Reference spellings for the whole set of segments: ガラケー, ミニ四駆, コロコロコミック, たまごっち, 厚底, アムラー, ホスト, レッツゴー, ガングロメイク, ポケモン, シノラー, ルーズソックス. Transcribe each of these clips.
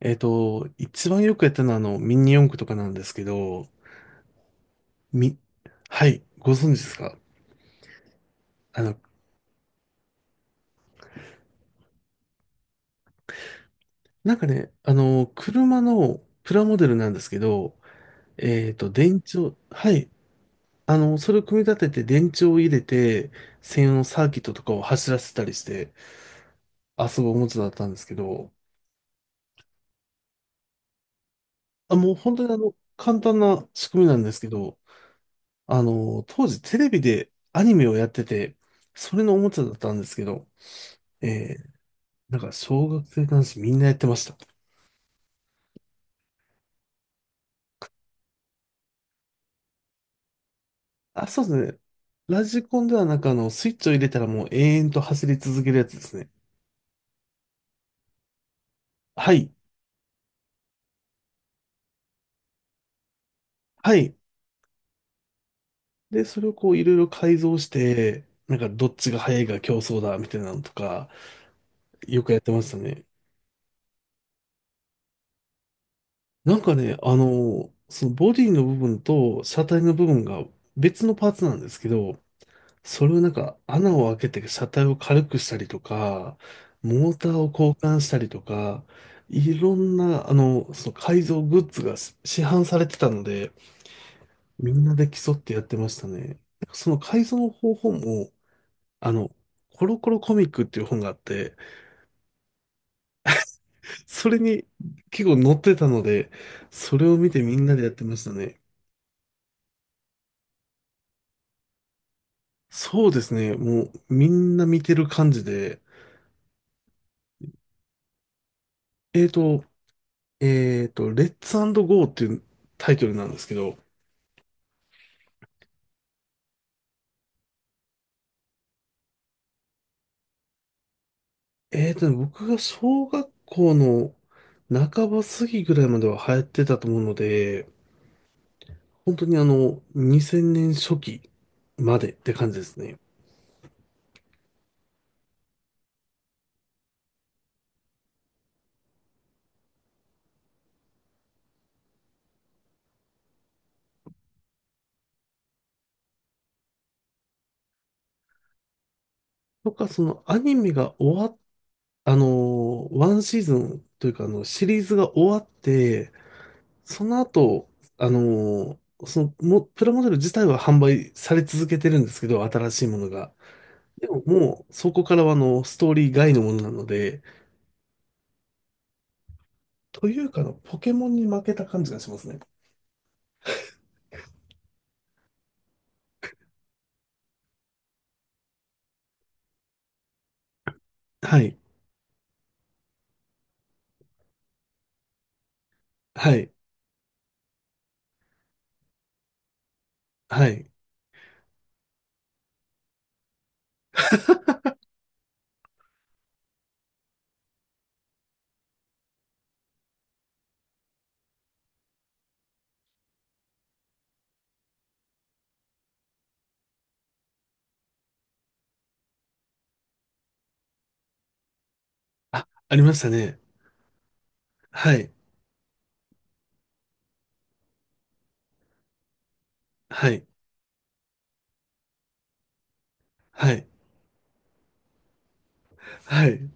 一番よくやったのは、ミニ四駆とかなんですけど、み、はい、ご存知ですか？あの、なんかね、車のプラモデルなんですけど、電池を、はい、それを組み立てて電池を入れて、専用のサーキットとかを走らせたりして遊ぶおもちゃだったんですけど、あ、もう本当に簡単な仕組みなんですけど、当時テレビでアニメをやってて、それのおもちゃだったんですけど、えーなんか、小学生男子みんなやってました。あ、そうですね。ラジコンではなんかスイッチを入れたらもう永遠と走り続けるやつですね。はい。はい。で、それをこういろいろ改造して、なんかどっちが速いか競争だみたいなのとか、よくやってましたね。なんかね、そのボディの部分と車体の部分が別のパーツなんですけど、それをなんか穴を開けて車体を軽くしたりとか、モーターを交換したりとか、いろんな、その改造グッズが市販されてたので、みんなで競ってやってましたね。なんかその改造の方法も、あの、コロコロコミックっていう本があって、それに結構載ってたので、それを見てみんなでやってましたね。そうですね。もうみんな見てる感じで、えーと、レッツゴーっていうタイトルなんですけど、僕が小学校の半ば過ぎぐらいまでは流行ってたと思うので、本当に2000年初期までって感じですね。とか、そのアニメが終わっ、あのー、ワンシーズンというかシリーズが終わって、その後、プラモデル自体は販売され続けてるんですけど、新しいものが。でももう、そこからはストーリー外のものなので、というかポケモンに負けた感じがしますね。はい、はい、はい。あ、ありましたね。はい、はい、はい、はい。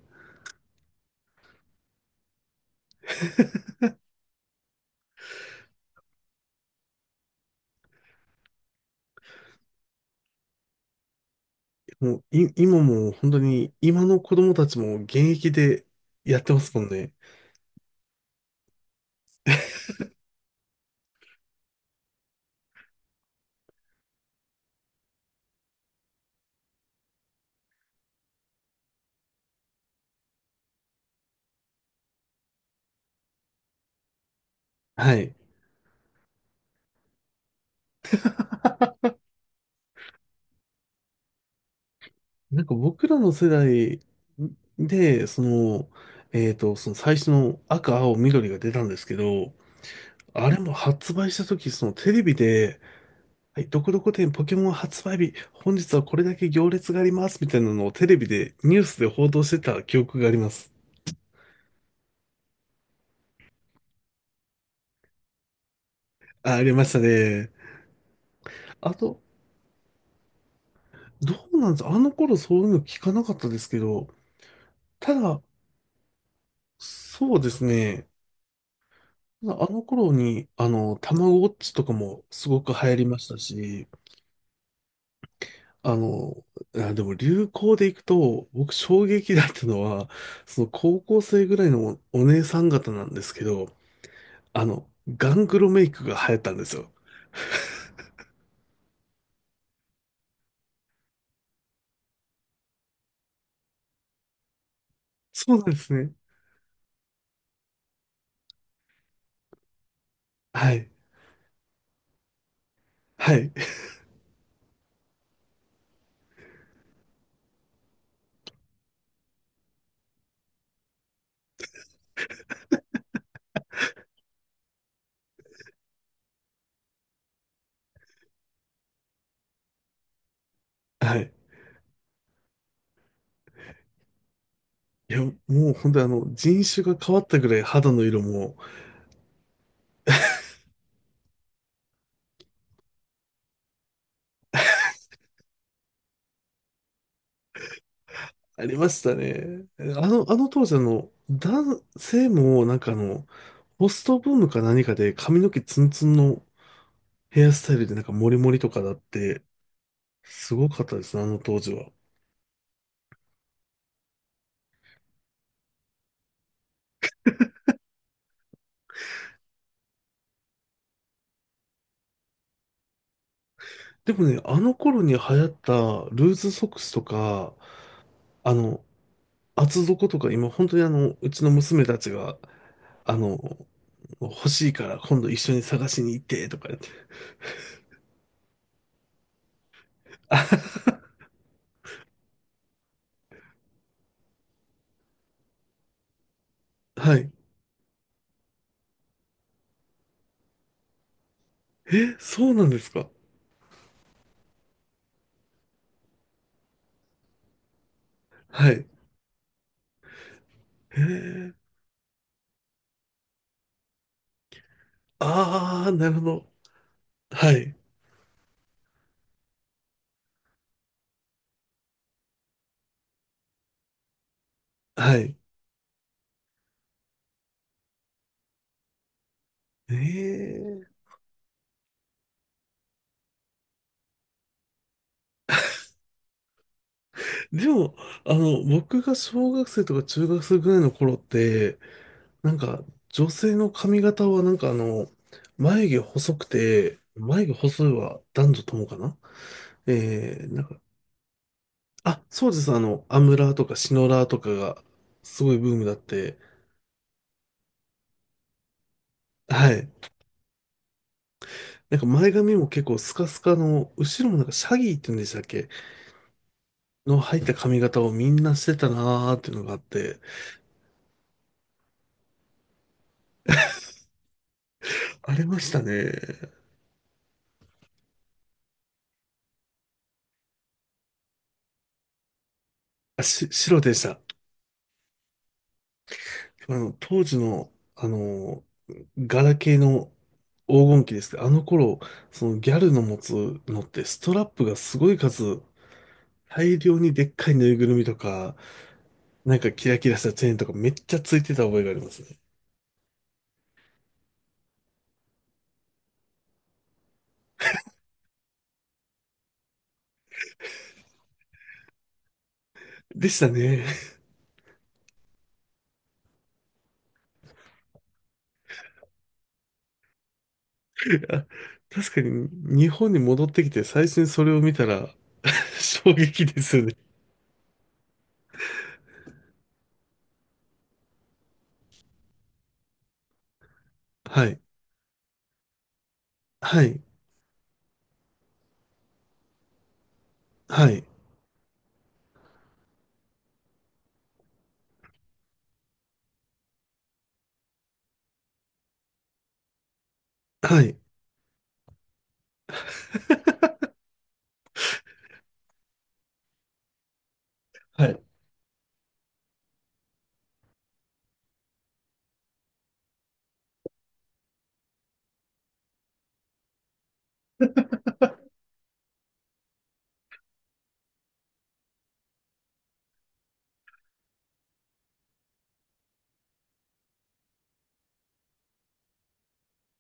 もう、今もう本当に、今の子供たちも現役でやってますもんね。はい。なんか僕らの世代で、その最初の赤、青、緑が出たんですけど、あれも発売した時、そのテレビで、はい、どこどこ店ポケモン発売日、本日はこれだけ行列があります、みたいなのをテレビで、ニュースで報道してた記憶があります。あ、ありましたね。あと、どうなんです？あの頃そういうの聞かなかったですけど、ただ、そうですね。ただあの頃に、たまごっちとかもすごく流行りましたし、あの、あ、でも流行でいくと、僕衝撃だったのは、その高校生ぐらいのお姉さん方なんですけど、あの、ガングロメイクが流行ったんですよ。そうなんですね。はい。はい。はい。いや、もう本当に人種が変わったぐらい肌の色もありましたね。あの当時男性もなんかホストブームか何かで髪の毛ツンツンのヘアスタイルでなんかモリモリとかだって、すごかったですね、あの当時は。でもね、あの頃に流行ったルーズソックスとか、あの、厚底とか今本当にうちの娘たちが、あの、欲しいから今度一緒に探しに行ってとか言って。はい。そうなんですか？はい。へえ。ああ、なるほど。はい。はい。ええ。でも、僕が小学生とか中学生ぐらいの頃って、なんか、女性の髪型はなんか眉毛細くて、眉毛細いは男女ともかな。なんかあ、そうです。アムラーとかシノラーとかがすごいブームだって。はい。なんか前髪も結構スカスカの、後ろもなんかシャギーって言うんでしたっけの入った髪型をみんなしてたなーっていうのがあって、ありましたね。あ、白でした。当時の、あの、ガラケーの黄金期ですけど、あの頃、そのギャルの持つのってストラップがすごい数、大量にでっかいぬいぐるみとか、なんかキラキラしたチェーンとかめっちゃついてた覚えがありますね。でしたね。あ確かに日本に戻ってきて最初にそれを見たら 衝撃ですよね。はい。はい。はい。はい。はい。